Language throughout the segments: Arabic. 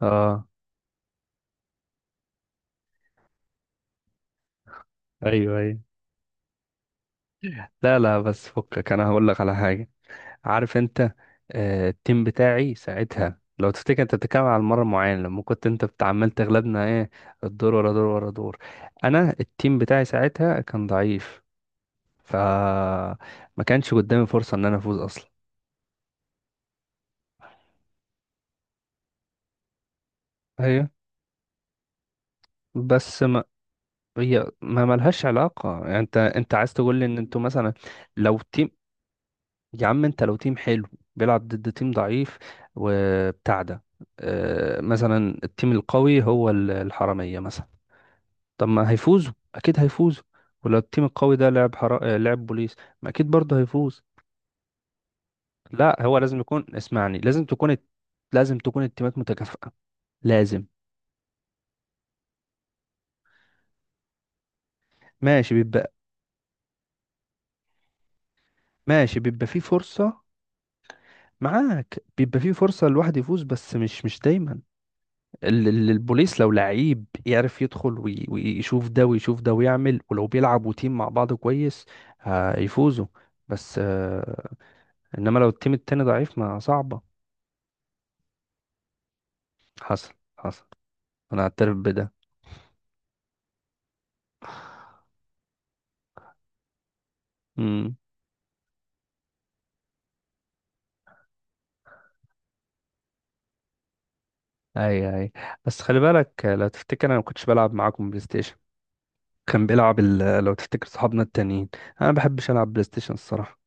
اه. ايوه، ايوه. لا، لا، بس فكك، انا هقول لك على حاجه. عارف انت، التيم بتاعي ساعتها، لو تفتكر، انت بتتكلم على المره معينه لما كنت انت بتعمل تغلبنا ايه؟ الدور ورا دور ورا دور. انا التيم بتاعي ساعتها كان ضعيف، ف ما كانش قدامي فرصه ان انا افوز اصلا. ايوه. بس ما هي ما ملهاش علاقه، يعني انت عايز تقول لي ان انتوا مثلا لو تيم يا عم انت لو تيم حلو بيلعب ضد تيم ضعيف وبتاع ده. مثلا التيم القوي هو الحرامية مثلا. طب ما هيفوزوا، اكيد هيفوزوا. ولو التيم القوي ده لعب حرا... آه، لعب بوليس، ما اكيد برضه هيفوز. لا، هو لازم يكون، اسمعني، لازم تكون لازم تكون التيمات متكافئة. لازم. ماشي بيبقى ماشي، بيبقى في فرصة معاك، بيبقى في فرصة الواحد يفوز، بس مش دايما. البوليس لو لعيب يعرف يدخل ويشوف ده ويشوف ده ويعمل، ولو بيلعبوا تيم مع بعض كويس هيفوزوا. بس انما لو التيم التاني ضعيف ما صعبة. حصل حصل، انا اعترف بده. امم. اي، اي. بس خلي بالك، لو تفتكر انا ما كنتش بلعب معاكم بلاي ستيشن، كان بيلعب لو تفتكر صحابنا التانيين. انا ما بحبش العب بلاي ستيشن الصراحة.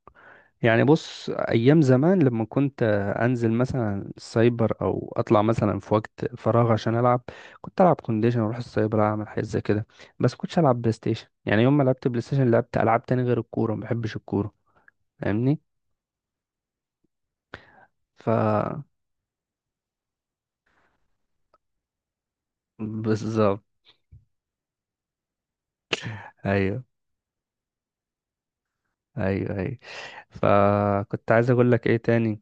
يعني بص، ايام زمان لما كنت انزل مثلا السايبر او اطلع مثلا في وقت فراغ عشان العب، كنت العب كونديشن واروح السايبر اعمل حاجات زي كده. بس كنتش العب بلاي ستيشن. يعني يوم ما لعبت بلاي ستيشن، لعبت العاب تاني غير الكوره، ما بحبش الكوره، فاهمني؟ ف بالظبط. ايوه، ايوه، ايوه. فكنت عايز اقول لك ايه تاني؟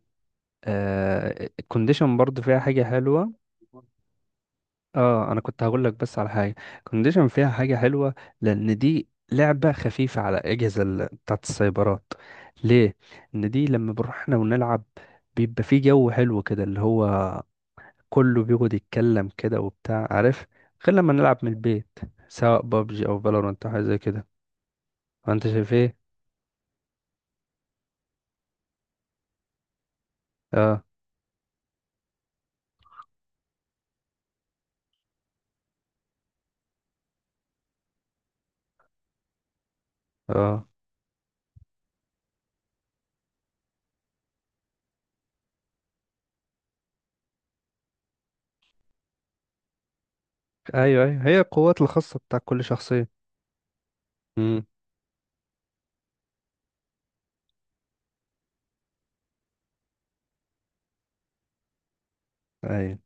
الكونديشن برضو فيها حاجه حلوه. اه، انا كنت هقول لك بس على حاجه، كونديشن فيها حاجه حلوه، لان دي لعبه خفيفه على اجهزه بتاعت السايبرات. ليه؟ ان دي لما بنروح احنا ونلعب، بيبقى في جو حلو كده، اللي هو كله بيقعد يتكلم كده وبتاع، عارف؟ غير لما نلعب من البيت، سواء بابجي او فالورانت او حاجه زي كده. انت شايف ايه؟ اه، اه. ايوه، ايوه، هي القوات الخاصه بتاع كل شخصيه. امم. ايوه،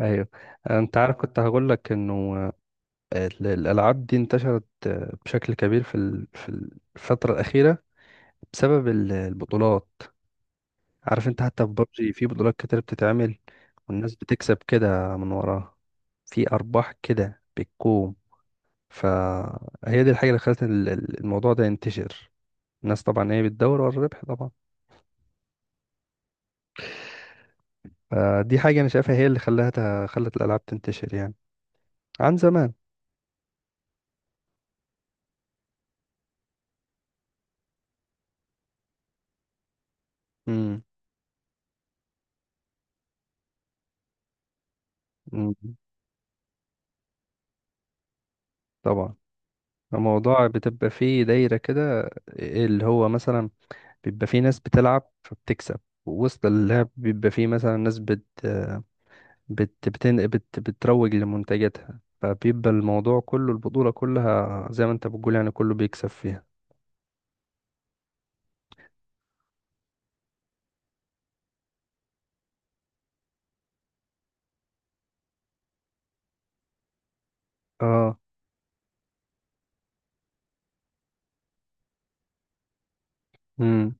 ايوه. انت عارف كنت هقول لك انه الألعاب دي انتشرت بشكل كبير في الفترة الأخيرة، بسبب البطولات. عارف انت، حتى في ببجي في بطولات كتير بتتعمل، والناس بتكسب كده من وراها، في أرباح كده بتكون. فهي دي الحاجة اللي خلت الموضوع ده ينتشر. الناس طبعا هي بتدور ورا الربح طبعا. فدي حاجة أنا شايفها هي اللي خلاها خلت الألعاب تنتشر، يعني عن زمان. مم. مم. طبعا. الموضوع بتبقى فيه دايرة كده، إيه اللي هو مثلا بيبقى في ناس بتلعب فبتكسب، ووسط اللعب بيبقى في مثلا ناس بتروج لمنتجاتها. فبيبقى الموضوع كله، البطولة كلها زي ما انت بتقول، يعني كله بيكسب فيها. اه. امم.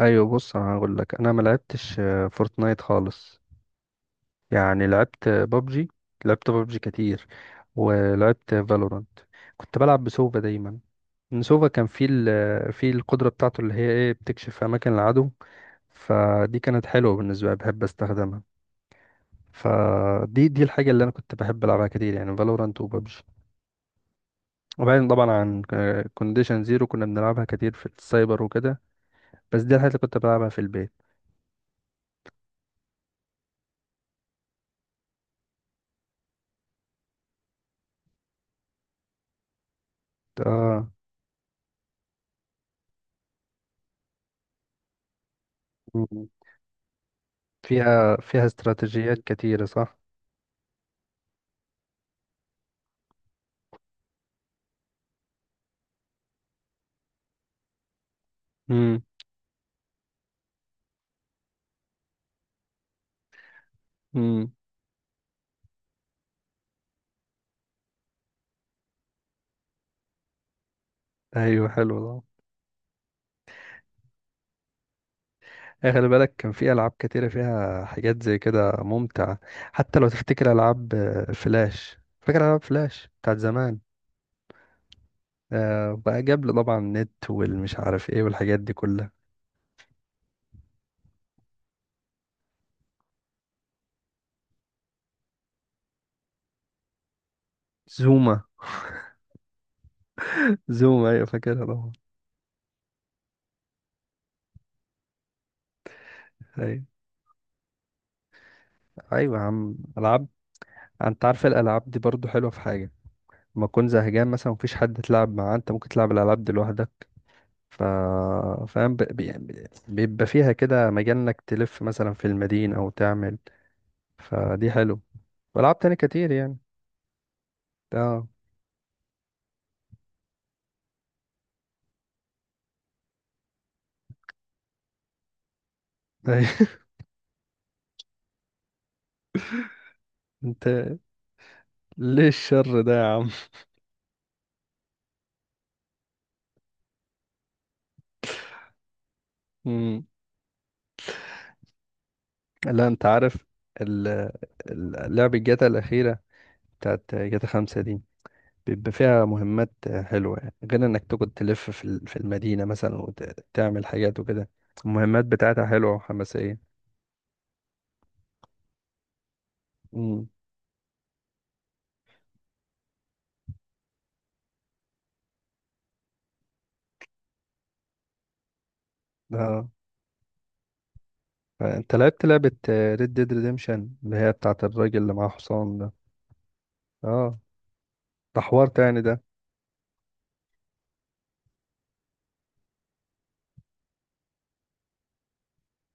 ايوه بص، انا هقول لك انا ما لعبتش فورتنايت خالص، يعني لعبت بابجي، لعبت بابجي كتير، ولعبت فالورانت. كنت بلعب بسوفا دايما. إن سوفا كان فيه فيه القدرة بتاعته اللي هي ايه، بتكشف اماكن العدو. فدي كانت حلوة بالنسبة لي، بحب استخدمها. فدي الحاجة اللي انا كنت بحب العبها كتير، يعني فالورانت وببجي. وبعدين طبعا عن كونديشن زيرو كنا بنلعبها كتير في السايبر وكده، بس دي الحاجة اللي كنت بلعبها في البيت. اه. مم. فيها استراتيجيات كتيرة، صح. امم. امم. ايوه، حلو ده. إيه، خلي بالك كان في العاب كتيرة فيها حاجات زي كده ممتعة، حتى لو تفتكر العاب فلاش، فاكر العاب فلاش بتاعت زمان؟ بقى جاب لي طبعا النت والمش عارف ايه والحاجات دي كلها. زوما. زوما، ايوه فاكرها طبعا. ايوه، ايوه يا عم، العاب. انت عارف الالعاب دي برضو حلوه في حاجه، لما تكون زهقان مثلا مفيش حد تلعب معاه، انت ممكن تلعب الالعاب دي لوحدك. ف فاهم؟ يعني بيبقى فيها كده مجال انك تلف مثلا في المدينه او تعمل. فدي حلو. والعاب تاني كتير يعني. اه. أيوة. انت، ليه الشر ده يا عم؟ مم. لا، انت عارف ال- لعبة جاتا الأخيرة، بتاعت جاتا 5 دي، بيبقى فيها مهمات حلوة، يعني غير انك تقعد تلف في المدينة مثلا وتعمل حاجات وكده. المهمات بتاعتها حلوة وحماسية. امم. اه، انت لعبت لعبة ريد ديد ريديمشن اللي هي بتاعت الراجل اللي معاه حصان ده؟ اه، ده حوار تاني ده.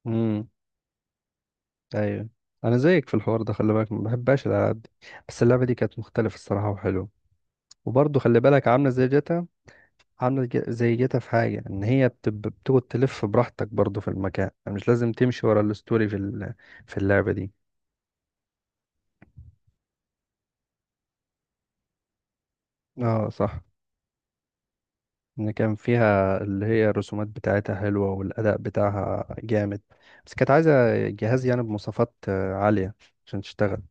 امم. ايوه. انا زيك في الحوار ده خلي بالك، ما بحبهاش الالعاب دي، بس اللعبة دي كانت مختلفة الصراحة وحلوة، وبرضه خلي بالك عاملة زي جاتا، عاملة زي جيتا. في حاجة إن هي بتقعد تلف براحتك برضو في المكان، مش لازم تمشي ورا الستوري في في اللعبة دي. اه، صح. إن كان فيها اللي هي الرسومات بتاعتها حلوة والأداء بتاعها جامد، بس كانت عايزة جهاز يعني بمواصفات عالية عشان تشتغل.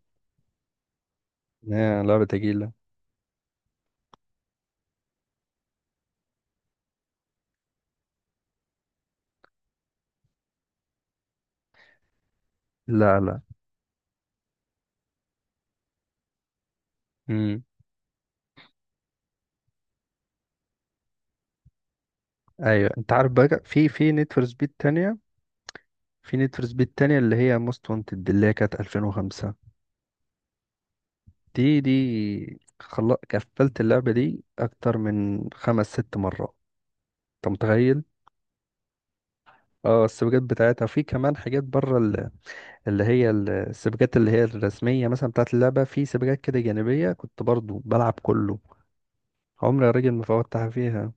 إيه، لعبة تقيلة. لا، لا. امم. أيوة. أنت عارف بقى في نيد فور سبيد تانية، في نيد فور سبيد تانية اللي هي موست وانتد، اللي هي كانت 2005. دي قفلت اللعبة دي أكتر من خمس ست مرات. أنت متخيل؟ اه، السباقات بتاعتها في كمان حاجات بره اللي هي السباقات اللي هي الرسمية مثلا بتاعت اللعبة، في سباقات كده جانبية كنت برضو بلعب كله. عمري يا راجل ما فوتها فيها.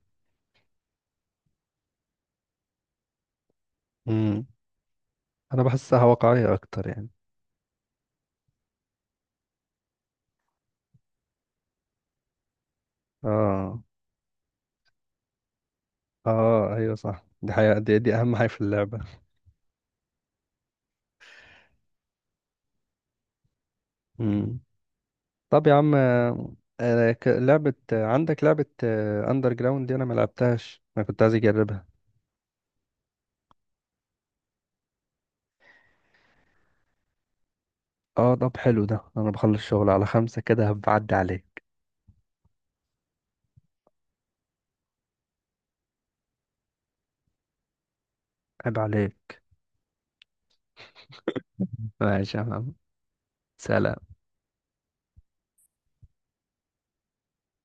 امم. أنا بحسها واقعية أكتر يعني. اه. اه، أيوة صح، دي حقيقة، دي أهم حاجة في اللعبة. امم. طب يا عم، لعبة، عندك لعبة أندر جراوند دي، أنا ملعبتهاش، أنا كنت عايز أجربها. اه، طب حلو ده، أنا بخلص شغل على 5 كده هبعدي عليك. عيب عليك. ماشي يا عم. سلام.